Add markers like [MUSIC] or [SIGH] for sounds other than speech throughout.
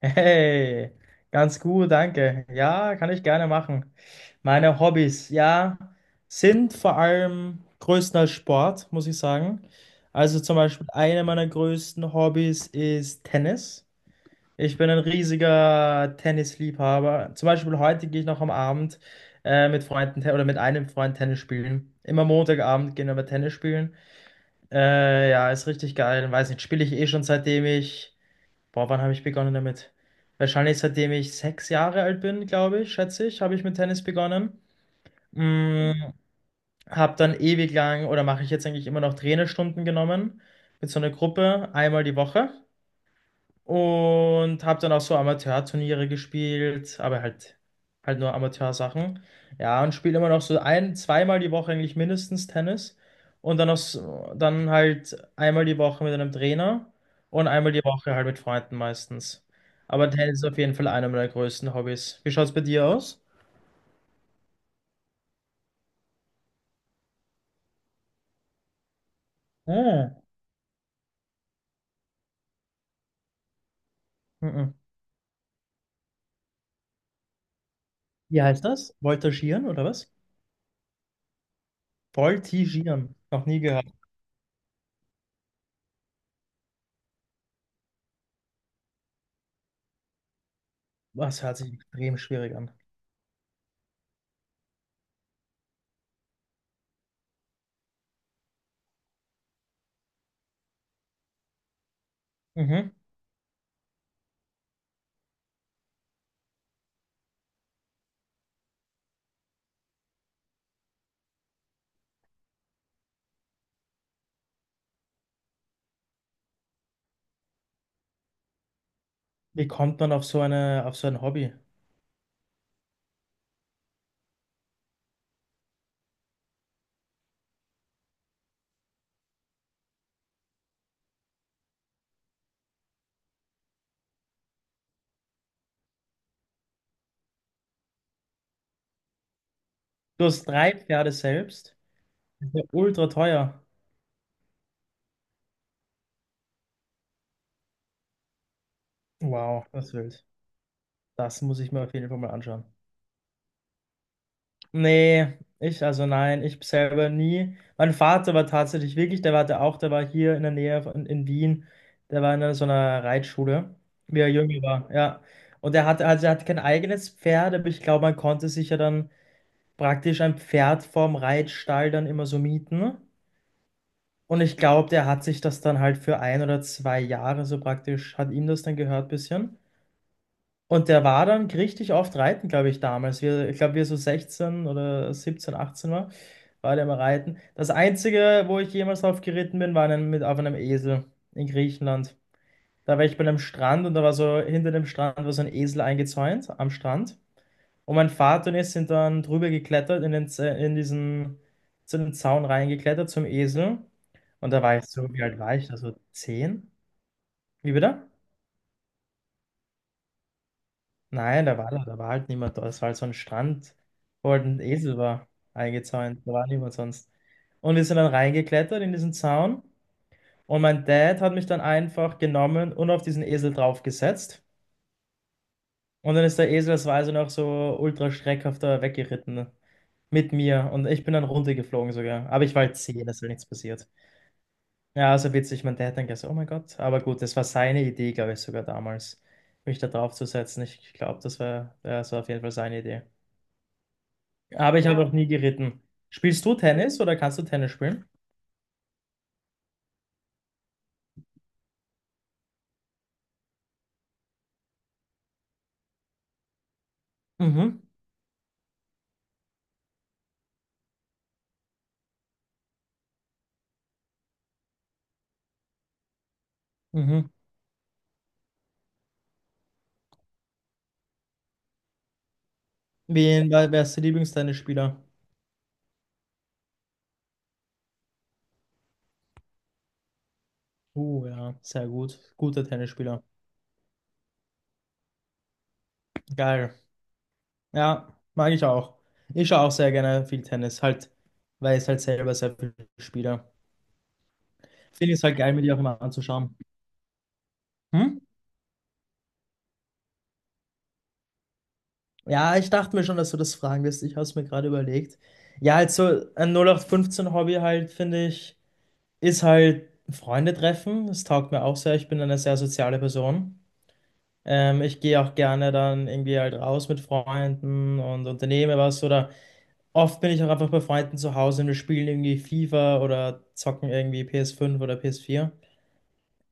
Hey, ganz gut, danke. Ja, kann ich gerne machen. Meine Hobbys, ja, sind vor allem größtenteils Sport, muss ich sagen. Also zum Beispiel eine meiner größten Hobbys ist Tennis. Ich bin ein riesiger Tennisliebhaber. Zum Beispiel heute gehe ich noch am Abend mit Freunden oder mit einem Freund Tennis spielen. Immer Montagabend gehen wir Tennis spielen. Ja, ist richtig geil. Weiß nicht, spiele ich eh schon seitdem ich, Boah, wann habe ich begonnen damit? Wahrscheinlich seitdem ich 6 Jahre alt bin, glaube ich, schätze ich, habe ich mit Tennis begonnen. Mm, habe dann ewig lang oder mache ich jetzt eigentlich immer noch Trainerstunden genommen mit so einer Gruppe einmal die Woche. Und habe dann auch so Amateurturniere gespielt, aber halt nur Amateursachen. Ja, und spiele immer noch so ein, zweimal die Woche eigentlich mindestens Tennis. Und dann, noch so, dann halt einmal die Woche mit einem Trainer und einmal die Woche halt mit Freunden meistens. Aber Tennis ist auf jeden Fall einer meiner größten Hobbys. Wie schaut's bei dir aus? Ah, mhm. Wie heißt das? Voltigieren oder was? Voltigieren. Noch nie gehört. Das hört sich extrem schwierig an. Mhm. Wie kommt man auf auf so ein Hobby? Plus drei Pferde selbst. Das ist ja ultra teuer. Wow. Das ist wild. Das muss ich mir auf jeden Fall mal anschauen. Nee, ich, also nein, ich selber nie. Mein Vater war tatsächlich wirklich, der war hier in der Nähe von, in Wien. Der war in einer, so einer Reitschule, wie er jünger war, ja. Und er hatte, also er hatte kein eigenes Pferd, aber ich glaube, man konnte sich ja dann praktisch ein Pferd vorm Reitstall dann immer so mieten. Und ich glaube, der hat sich das dann halt für ein oder zwei Jahre so praktisch, hat ihm das dann gehört, bisschen. Und der war dann richtig oft reiten, glaube ich, damals. Wir, ich glaube, wir so 16 oder 17, 18 war, war der mal reiten. Das Einzige, wo ich jemals drauf geritten bin, war auf einem Esel in Griechenland. Da war ich bei einem Strand und da war so, hinter dem Strand war so ein Esel eingezäunt am Strand. Und mein Vater und ich sind dann drüber geklettert, in diesen, zu dem Zaun reingeklettert zum Esel. Und da war ich so, wie alt war ich da? So 10. Wie bitte? Nein, da war halt niemand da. Es war halt so ein Strand, wo halt ein Esel war eingezäunt. Da war niemand sonst. Und wir sind dann reingeklettert in diesen Zaun. Und mein Dad hat mich dann einfach genommen und auf diesen Esel draufgesetzt. Und dann ist der Esel, das war also noch so ultra schreckhafter weggeritten mit mir. Und ich bin dann runtergeflogen sogar. Aber ich war halt 10, es ist halt nichts passiert. Ja, also witzig. Mein Dad dann gesagt, oh mein Gott. Aber gut, das war seine Idee, glaube ich, sogar damals, mich da draufzusetzen. Ich glaube, das war, ja, das war auf jeden Fall seine Idee. Aber ich habe noch nie geritten. Spielst du Tennis oder kannst du Tennis spielen? Mhm. Mhm. Wer ist der Lieblingstennisspieler? Ja, sehr gut. Guter Tennisspieler. Geil. Ja, mag ich auch. Ich schaue auch sehr gerne viel Tennis, halt, weil ich halt selber sehr viel spiele. Finde ich es halt geil, mir die auch immer anzuschauen. Hm? Ja, ich dachte mir schon, dass du das fragen wirst. Ich habe es mir gerade überlegt. Ja, halt so ein 0815-Hobby halt, finde ich, ist halt Freunde treffen. Das taugt mir auch sehr. Ich bin eine sehr soziale Person. Ich gehe auch gerne dann irgendwie halt raus mit Freunden und unternehme was. Oder oft bin ich auch einfach bei Freunden zu Hause und wir spielen irgendwie FIFA oder zocken irgendwie PS5 oder PS4.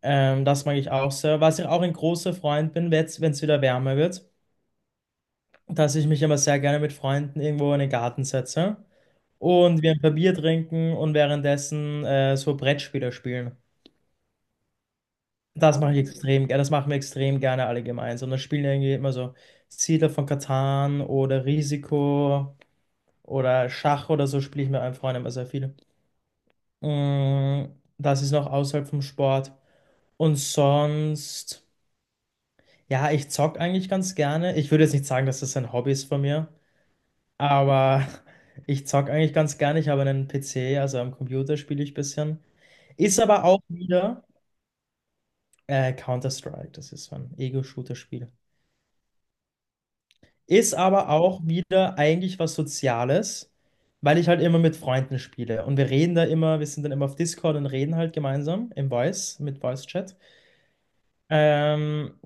Das mag ich auch sehr. Was ich auch ein großer Freund bin, wenn es wieder wärmer wird, dass ich mich immer sehr gerne mit Freunden irgendwo in den Garten setze und wir ein paar Bier trinken und währenddessen so Brettspiele spielen. Das mache ich extrem gerne. Das machen wir extrem gerne alle gemeinsam. Da spielen irgendwie immer so Siedler von Catan oder Risiko oder Schach oder so spiele ich mit meinen Freunden immer sehr viel. Mm, Das ist noch außerhalb vom Sport. Und sonst, ja, ich zock eigentlich ganz gerne. Ich würde jetzt nicht sagen, dass das ein Hobby ist von mir, aber [LAUGHS] ich zock eigentlich ganz gerne. Ich habe einen PC, also am Computer spiele ich ein bisschen. Ist aber auch wieder Counter-Strike. Das ist so ein Ego-Shooter-Spiel. Ist aber auch wieder eigentlich was Soziales, weil ich halt immer mit Freunden spiele. Und wir reden da immer, wir sind dann immer auf Discord und reden halt gemeinsam im Voice, mit Voice-Chat. Ähm,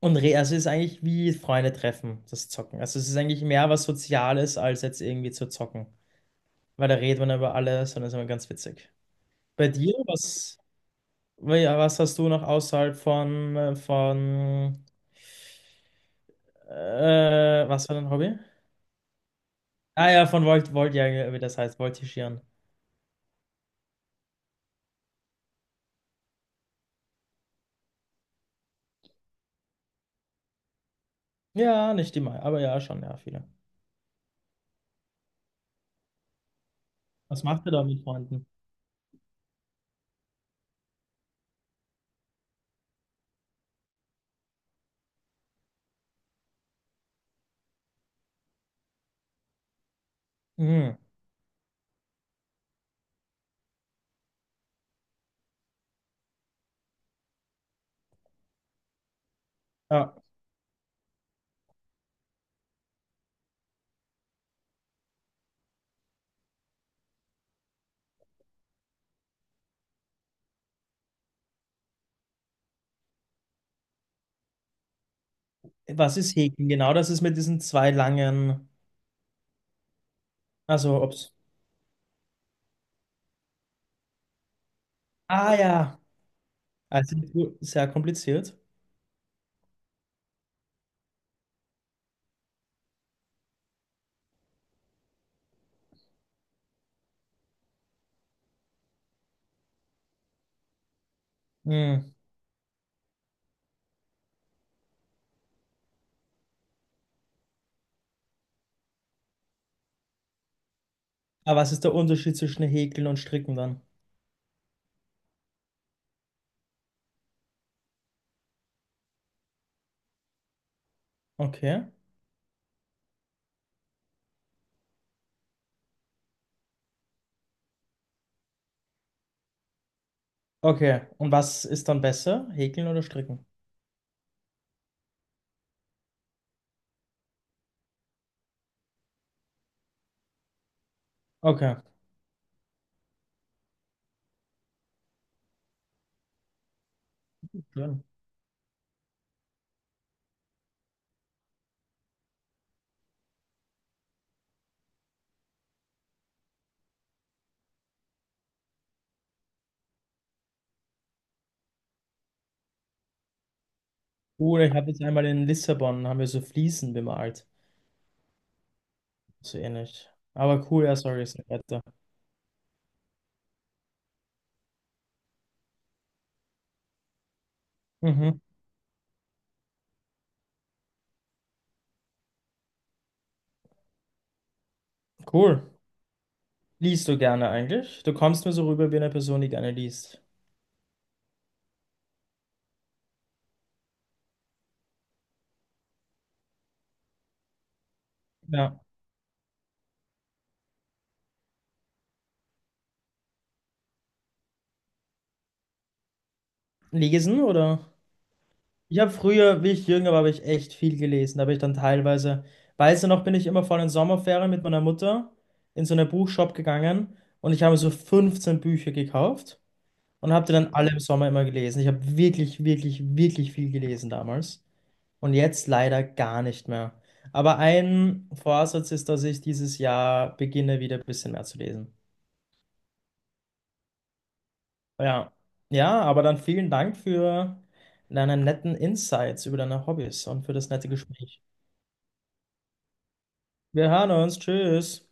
und re also es ist eigentlich wie Freunde treffen, das Zocken. Also es ist eigentlich mehr was Soziales, als jetzt irgendwie zu zocken. Weil da redet man über alles und das ist immer ganz witzig. Bei dir, was, ja, was hast du noch außerhalb von was war dein Hobby? Ah ja, von ja, wie das heißt, voltigieren. Ja, nicht immer, aber ja, schon, ja, viele. Was macht ihr da mit Freunden? Mhm. Ja. Was ist Häkeln? Genau, das ist mit diesen zwei langen, also ob's. Ah ja, sehr kompliziert. Mhm. Aber was ist der Unterschied zwischen Häkeln und Stricken dann? Okay. Okay, und was ist dann besser, Häkeln oder Stricken? Okay, schön. Cool, ich habe jetzt einmal in Lissabon, haben wir so Fliesen bemalt. So ähnlich. Aber cool, ja, sorry, ist nicht weiter. Mhm, cool. Liest du gerne eigentlich? Du kommst mir so rüber wie eine Person, die gerne liest. Ja. Lesen oder? Ich habe früher, wie ich jünger war, habe ich echt viel gelesen. Da habe ich dann teilweise, weißt du noch, bin ich immer vor den Sommerferien mit meiner Mutter in so einen Buchshop gegangen und ich habe so 15 Bücher gekauft und habe die dann alle im Sommer immer gelesen. Ich habe wirklich, wirklich, wirklich viel gelesen damals und jetzt leider gar nicht mehr. Aber ein Vorsatz ist, dass ich dieses Jahr beginne, wieder ein bisschen mehr zu lesen. Ja. Ja, aber dann vielen Dank für deine netten Insights über deine Hobbys und für das nette Gespräch. Wir hören uns. Tschüss.